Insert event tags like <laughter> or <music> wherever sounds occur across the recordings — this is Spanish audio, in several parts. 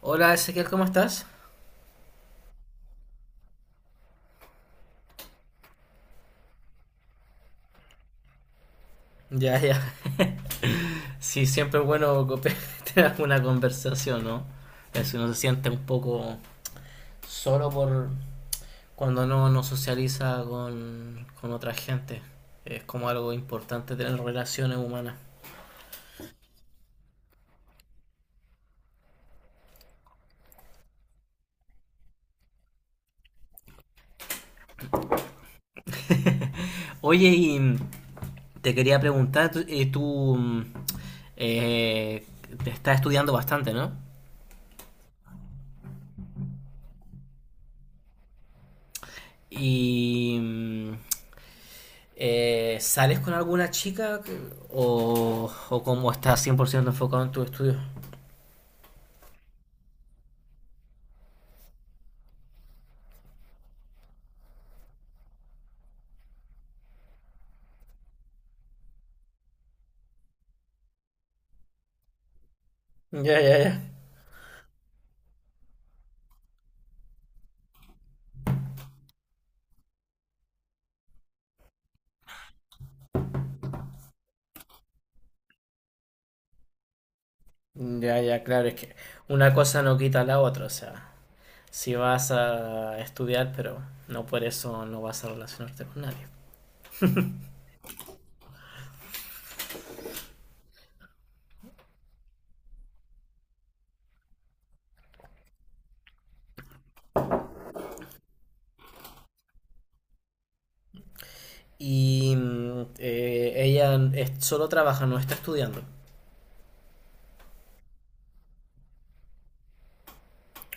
Hola Ezequiel, ¿cómo estás? Ya, ya. <laughs> Sí, siempre es bueno <laughs> tener una conversación, ¿no? Si uno se siente un poco solo por cuando no socializa con otra gente. Es como algo importante tener relaciones humanas. Oye, y te quería preguntar, eh, te estás estudiando bastante, ¿no? Y mm, ¿Sales con alguna chica o cómo estás 100% enfocado en tu estudio? Ya, ya, ya. Ya, ya, claro, es que una cosa no quita la otra, o sea, si vas a estudiar, pero no por eso no vas a relacionarte con nadie. Ella solo trabaja, no está estudiando.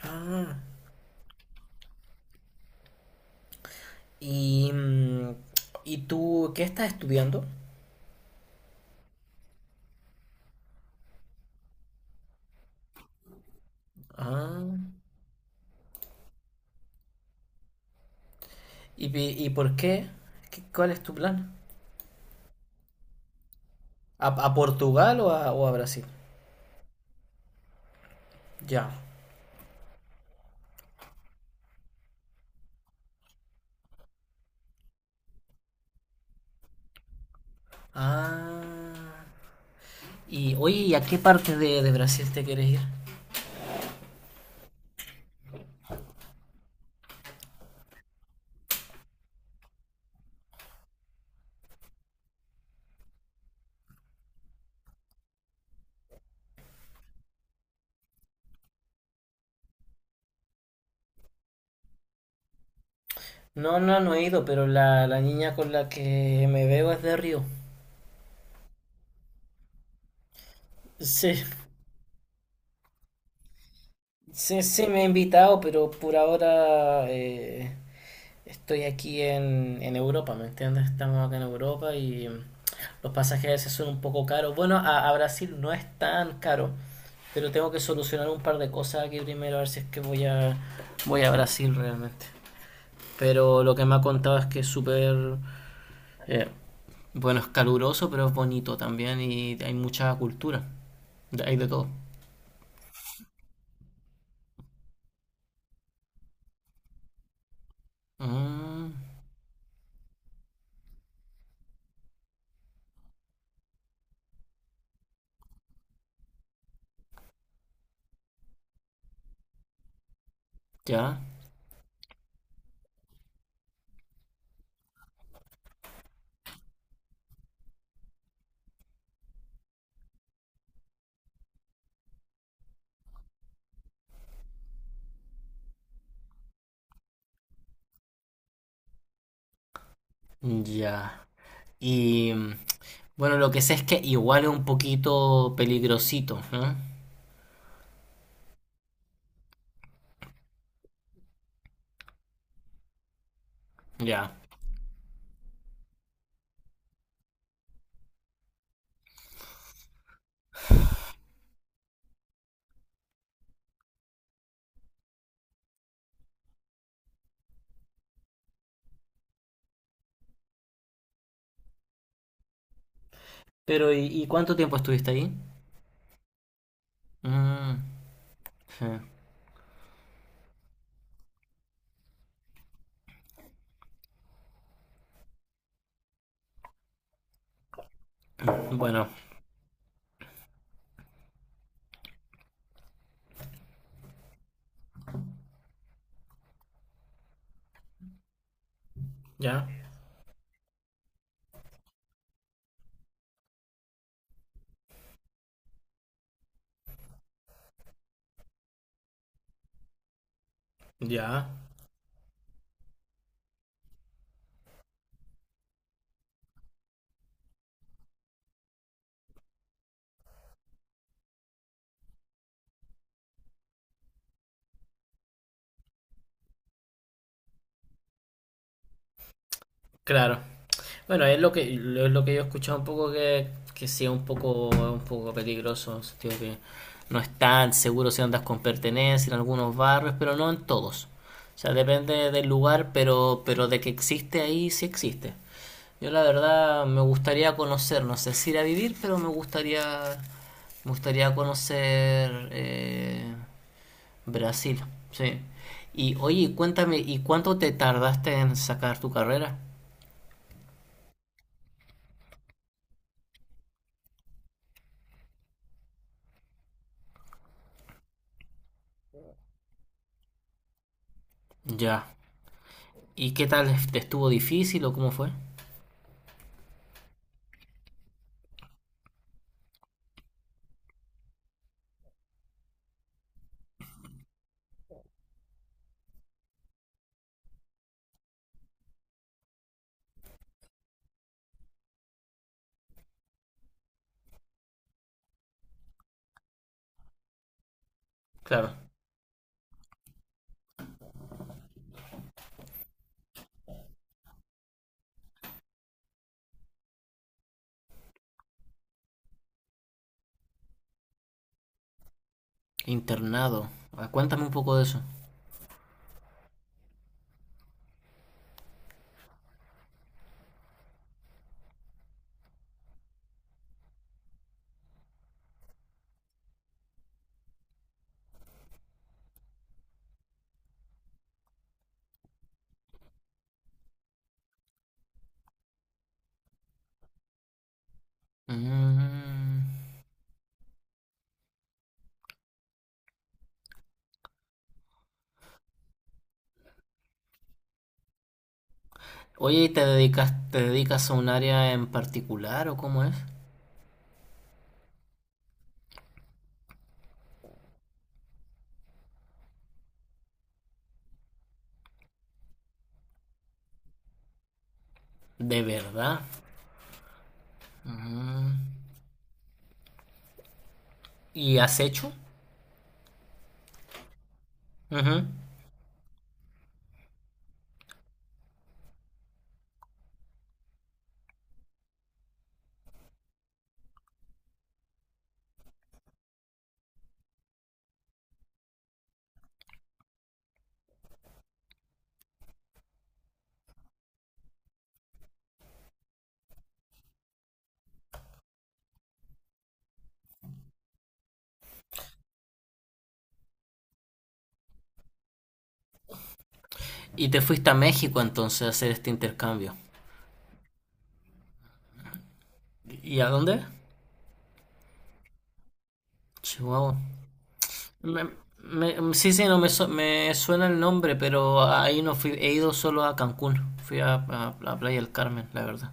Ah, y, mm, ¿y tú qué estás estudiando? Ah, ¿y por qué? ¿Cuál es tu plan? A Portugal o a Brasil? Ya. Ah. Y oye, ¿y a qué parte de Brasil te quieres ir? No, no, no he ido, pero la niña con la que me veo es de Río. Sí, sí, sí, me ha invitado, pero por ahora estoy aquí en Europa, ¿me entiendes? Estamos acá en Europa y los pasajes a veces son un poco caros. Bueno, a Brasil no es tan caro, pero tengo que solucionar un par de cosas aquí primero, a ver si es que voy a, voy a Brasil realmente. Pero lo que me ha contado es que es súper, eh, bueno, es caluroso, pero es bonito también y hay mucha cultura. Hay de todo. Mm, ya, ya. Y mm, bueno, lo que sé es que igual es un poquito peligrosito, ¿no? Ya. Pero y cuánto tiempo estuviste ahí? Mm, sí. Bueno, ya, ya, claro. Bueno, es lo que, es lo que yo he escuchado un poco que sí es un poco peligroso, en el sentido que no es tan seguro si andas con pertenencia en algunos barrios, pero no en todos. O sea, depende del lugar, pero de que existe ahí, sí existe. Yo la verdad me gustaría conocer, no sé si ir a vivir, pero me gustaría conocer Brasil, sí. Y oye, cuéntame, ¿y cuánto te tardaste en sacar tu carrera? Ya. ¿Y qué tal? ¿Te estuvo difícil o cómo fue? Claro. Internado. Ah, cuéntame un poco de eso. Mm. Oye, ¿ te dedicas a un área en particular o cómo es? De verdad. Mm. ¿Y has hecho? Ujú. Y te fuiste a México entonces a hacer este intercambio. ¿Y a dónde? Chihuahua. Me- sí, sí, no me, su- me suena el nombre, pero ahí no fui. He ido solo a Cancún. Fui a, a Playa del Carmen, la verdad.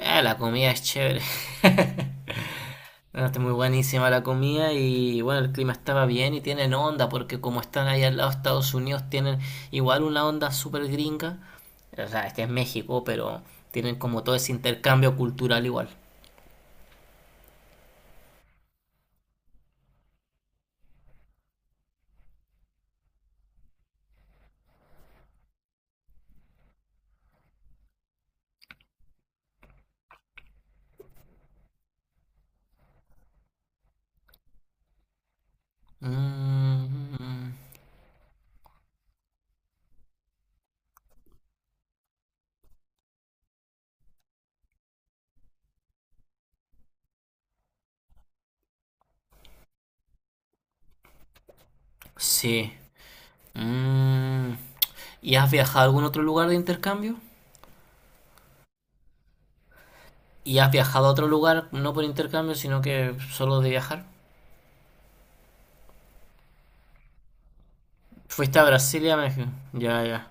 Ah, la comida es chévere. <laughs> Bueno, está muy buenísima la comida y bueno, el clima estaba bien y tienen onda porque como están ahí al lado de Estados Unidos tienen igual una onda súper gringa. O sea, este es México, pero tienen como todo ese intercambio cultural igual. Mm, sí. Mm. ¿Y has viajado a algún otro lugar de intercambio? ¿Y has viajado a otro lugar, no por intercambio, sino que solo de viajar? ¿Fuiste a Brasilia, México? Ya, ya.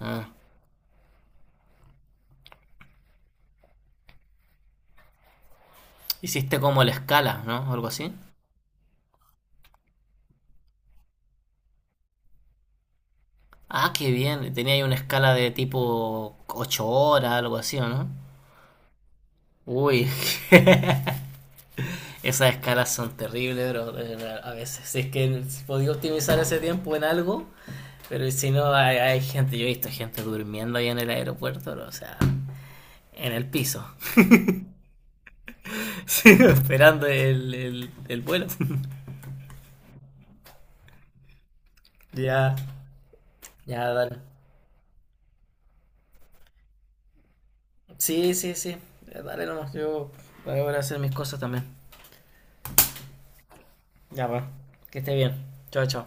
Ah. Hiciste como la escala, ¿no? O algo así. Ah, qué bien. Tenía ahí una escala de tipo 8 horas, algo así, ¿o no? Uy, <laughs> esas escalas son terribles, bro. A veces, si es que podía optimizar ese tiempo en algo, pero si no, hay gente, yo he visto gente durmiendo ahí en el aeropuerto, bro, o sea, en el piso, <laughs> sí, esperando el vuelo. <laughs> Ya, ya, dale. Sí, sí, sí, dale nomás, yo voy a hacer mis cosas también. Ya va. Que esté bien. Chao, chao.